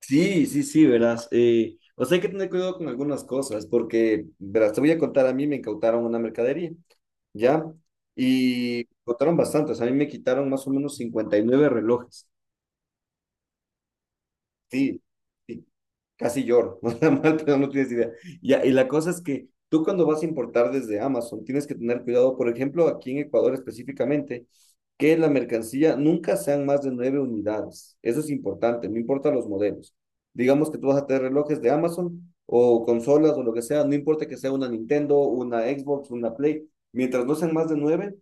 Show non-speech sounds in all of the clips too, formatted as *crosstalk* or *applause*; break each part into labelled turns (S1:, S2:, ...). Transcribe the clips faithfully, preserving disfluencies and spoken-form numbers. S1: Sí, sí, sí, verás. Eh, o sea, hay que tener cuidado con algunas cosas, porque, verás, te voy a contar, a mí me incautaron una mercadería, ¿ya? Y incautaron bastantes, a mí me quitaron más o menos cincuenta y nueve relojes. Sí, sí, casi lloro, *laughs* o sea, mal, pero no tienes idea. Ya, y la cosa es que tú cuando vas a importar desde Amazon tienes que tener cuidado, por ejemplo, aquí en Ecuador específicamente, que la mercancía nunca sean más de nueve unidades. Eso es importante, no importa los modelos. Digamos que tú vas a tener relojes de Amazon o consolas o lo que sea, no importa que sea una Nintendo, una Xbox, una Play, mientras no sean más de nueve,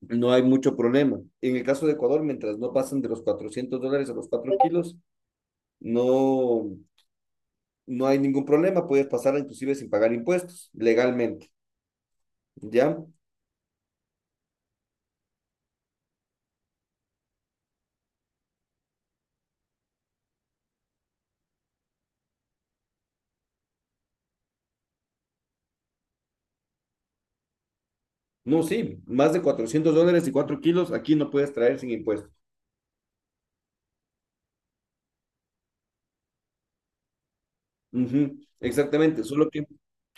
S1: no hay mucho problema. En el caso de Ecuador, mientras no pasen de los cuatrocientos dólares a los cuatro kilos, no, no hay ningún problema, puedes pasarla inclusive sin pagar impuestos, legalmente, ¿ya? No, sí, más de cuatrocientos dólares y cuatro kilos aquí no puedes traer sin impuestos. Ujú, exactamente, solo que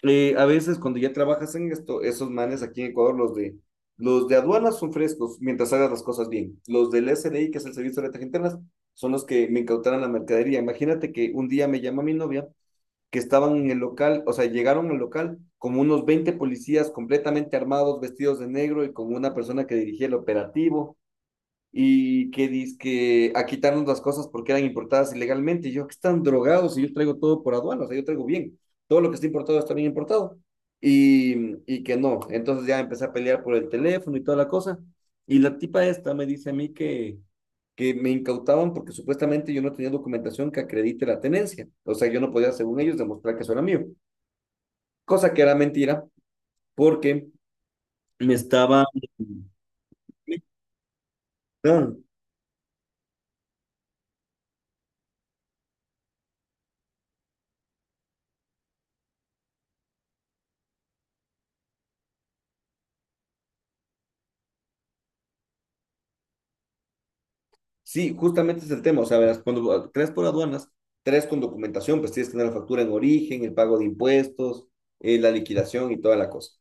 S1: eh, a veces cuando ya trabajas en esto, esos manes aquí en Ecuador, los de, los de aduanas son frescos mientras hagas las cosas bien. Los del S SDI, que es el Servicio de Rentas Internas, son los que me incautaron la mercadería. Imagínate que un día me llama mi novia que estaban en el local, o sea, llegaron al local como unos veinte policías completamente armados, vestidos de negro y con una persona que dirigía el operativo y que dizque a quitarnos las cosas porque eran importadas ilegalmente. Y yo, que están drogados y yo traigo todo por aduana, o sea, yo traigo bien. Todo lo que está importado está bien importado. Y, y que no. Entonces ya empecé a pelear por el teléfono y toda la cosa. Y la tipa esta me dice a mí que, que me incautaban porque supuestamente yo no tenía documentación que acredite la tenencia. O sea, yo no podía, según ellos, demostrar que eso era mío. Cosa que era mentira porque me estaba... Ah, sí, justamente es el tema. O sea, verás, cuando crees por aduanas, tres con documentación, pues tienes que tener la factura en origen, el pago de impuestos, eh, la liquidación y toda la cosa.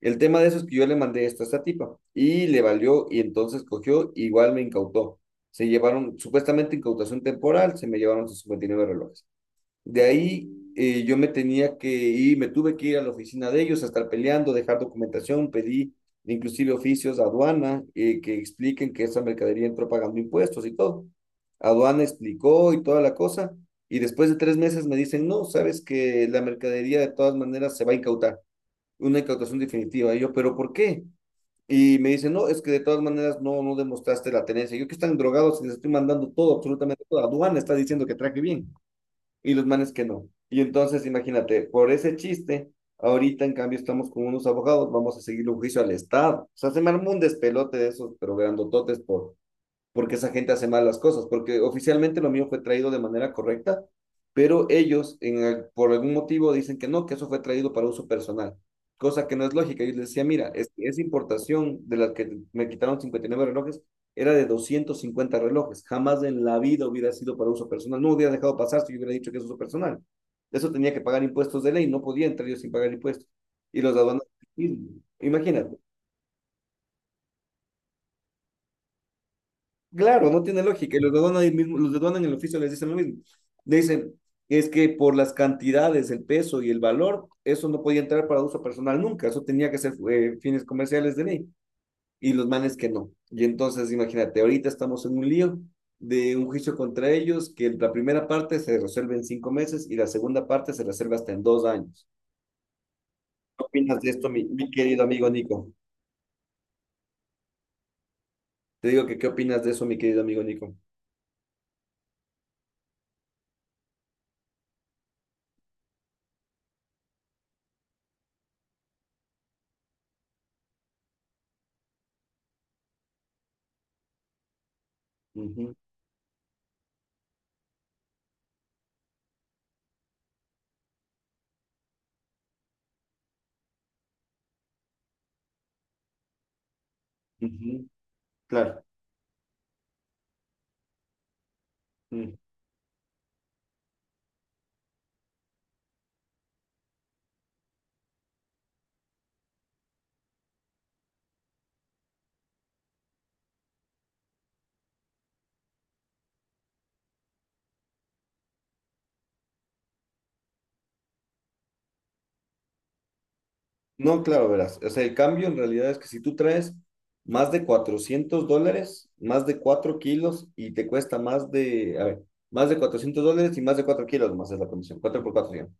S1: El tema de eso es que yo le mandé esto a esta tipa y le valió y entonces cogió, igual me incautó. Se llevaron, supuestamente incautación temporal, se me llevaron sus cincuenta y nueve relojes. De ahí eh, yo me tenía que ir, me tuve que ir a la oficina de ellos a estar peleando, dejar documentación, pedí inclusive oficios a aduana eh, que expliquen que esa mercadería entró pagando impuestos y todo. Aduana explicó y toda la cosa, y después de tres meses me dicen, no, sabes que la mercadería de todas maneras se va a incautar, una incautación definitiva. Y yo, ¿pero por qué? Y me dicen, no, es que de todas maneras no, no demostraste la tenencia. Yo que están drogados y les estoy mandando todo, absolutamente todo. Aduana está diciendo que traje bien y los manes que no. Y entonces, imagínate, por ese chiste, ahorita en cambio estamos con unos abogados, vamos a seguir un juicio al Estado. O sea, se me armó un despelote de esos, pero grandototes por porque esa gente hace mal las cosas, porque oficialmente lo mío fue traído de manera correcta, pero ellos en el- por algún motivo dicen que no, que eso fue traído para uso personal, cosa que no es lógica. Yo les decía, mira, es, esa importación de la que me quitaron cincuenta y nueve relojes era de doscientos cincuenta relojes, jamás en la vida hubiera sido para uso personal, no hubiera dejado pasar si yo hubiera dicho que es uso personal. Eso tenía que pagar impuestos de ley, no podía entrar yo sin pagar impuestos. Y los aduaneros, sí, imagínate. Claro, no tiene lógica. Y los de aduana ahí mismo, los de aduana en el oficio les dicen lo mismo. Le dicen, es que por las cantidades, el peso y el valor, eso no podía entrar para uso personal nunca. Eso tenía que ser eh, fines comerciales de ley. Y los manes que no. Y entonces, imagínate, ahorita estamos en un lío de un juicio contra ellos, que la primera parte se resuelve en cinco meses y la segunda parte se resuelve hasta en dos años. ¿Qué opinas de esto, mi, mi querido amigo Nico? Te digo que, ¿qué opinas de eso, mi querido amigo Nico? Ujú, ujú, claro. No, claro, verás. O sea, el cambio en realidad es que si tú traes más de cuatrocientos dólares, más de cuatro kilos y te cuesta más de, a ver, más de cuatrocientos dólares y más de cuatro kilos más es la comisión, cuatro por cuatro.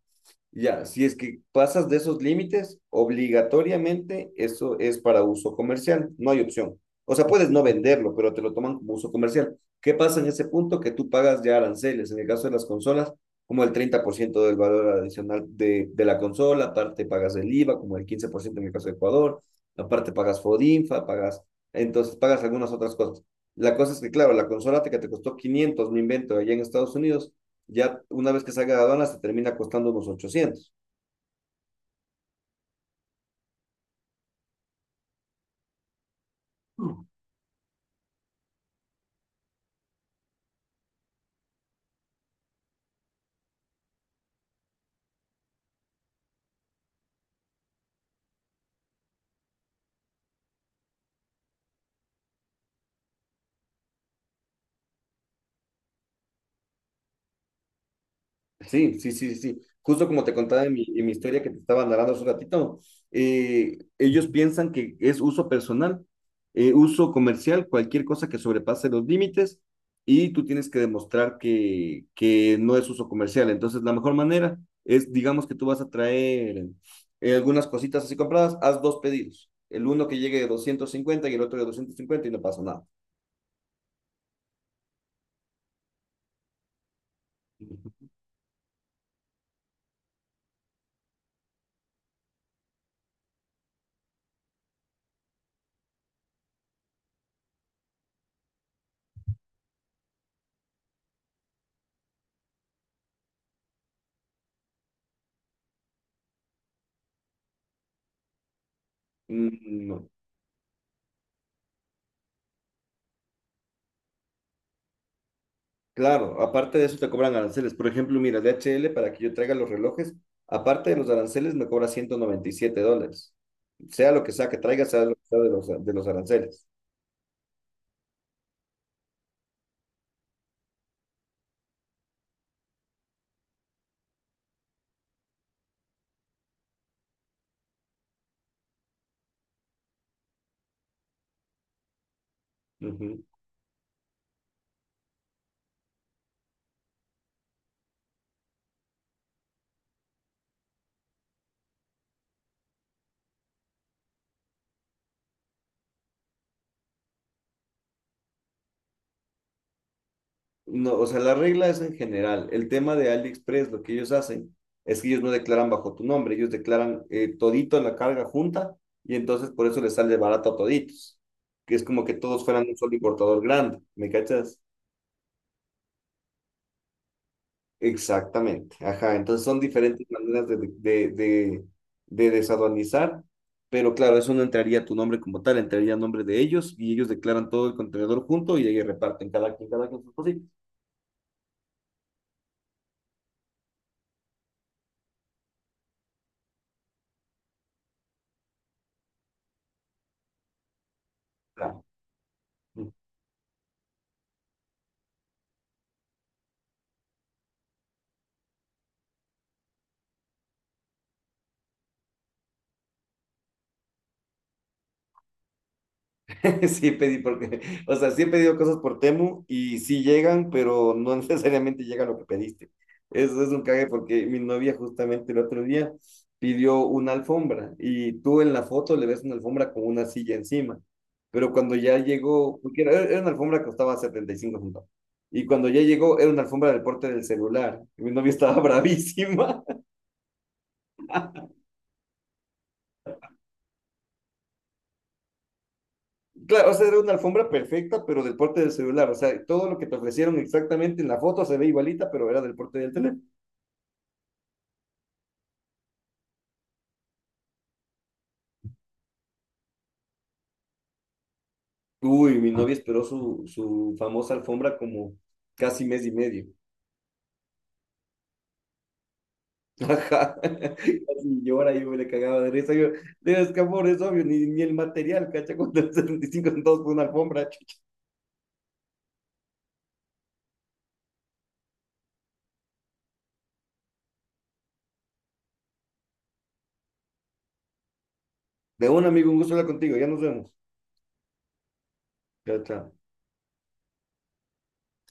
S1: Ya, si es que pasas de esos límites, obligatoriamente eso es para uso comercial, no hay opción. O sea, puedes no venderlo, pero te lo toman como uso comercial. ¿Qué pasa en ese punto? Que tú pagas ya aranceles, en el caso de las consolas, como el treinta por ciento del valor adicional de, de la consola, aparte pagas el IVA, como el quince por ciento en el caso de Ecuador, aparte pagas FODINFA, pagas, entonces pagas algunas otras cosas. La cosa es que, claro, la consola te- que te costó quinientos me invento, allá en Estados Unidos ya una vez que salga de aduanas se termina costando unos ochocientos. Sí, sí, sí, sí. Justo como te contaba en mi, en mi historia que te estaba narrando hace un ratito, eh, ellos piensan que es uso personal, eh, uso comercial, cualquier cosa que sobrepase los límites y tú tienes que demostrar que, que no es uso comercial. Entonces, la mejor manera es, digamos que tú vas a traer eh, algunas cositas así compradas, haz dos pedidos. El uno que llegue de doscientos cincuenta y el otro de doscientos cincuenta y no pasa nada. Mm, no. Claro, aparte de eso te cobran aranceles. Por ejemplo, mira, D H L para que yo traiga los relojes, aparte de los aranceles me cobra ciento noventa y siete dólares. Sea lo que sea que traiga, sea lo que sea de los, de los aranceles. Ujú. No, o sea, la regla es en general. El tema de AliExpress, lo que ellos hacen es que ellos no declaran bajo tu nombre, ellos declaran eh, todito la carga junta y entonces por eso les sale barato a toditos, que es como que todos fueran un solo importador grande, ¿me cachas? Exactamente, ajá. Entonces son diferentes maneras de, de, de, de desaduanizar, pero claro, eso no entraría a tu nombre como tal, entraría a nombre de ellos y ellos declaran todo el contenedor junto y ahí reparten cada quien, cada quien sus cositas. Claro. *laughs* Sí, pedí porque, o sea, sí he pedido cosas por Temu y sí llegan, pero no *laughs* necesariamente llega lo que pediste. Eso es un cague porque mi novia justamente el otro día pidió una alfombra y tú en la foto le ves una alfombra con una silla encima, pero cuando ya llegó, porque era, era una alfombra que costaba setenta y cinco centavos, y cuando ya llegó era una alfombra del porte del celular. Y mi novia estaba *laughs* bravísima. Claro, o sea, era una alfombra perfecta, pero del porte del celular. O sea, todo lo que te ofrecieron exactamente en la foto se ve igualita, pero era del porte del teléfono. Uy, mi novia esperó su, su famosa alfombra como casi mes y medio. *laughs* Ajá. Casi llora, yo me le cagaba de risa. Yo, es que amor, es obvio, ni, ni el material, cacha, con cuando y cinco centavos por una alfombra. Chucha. De un amigo, un gusto hablar contigo, ya nos vemos. Chao, chao.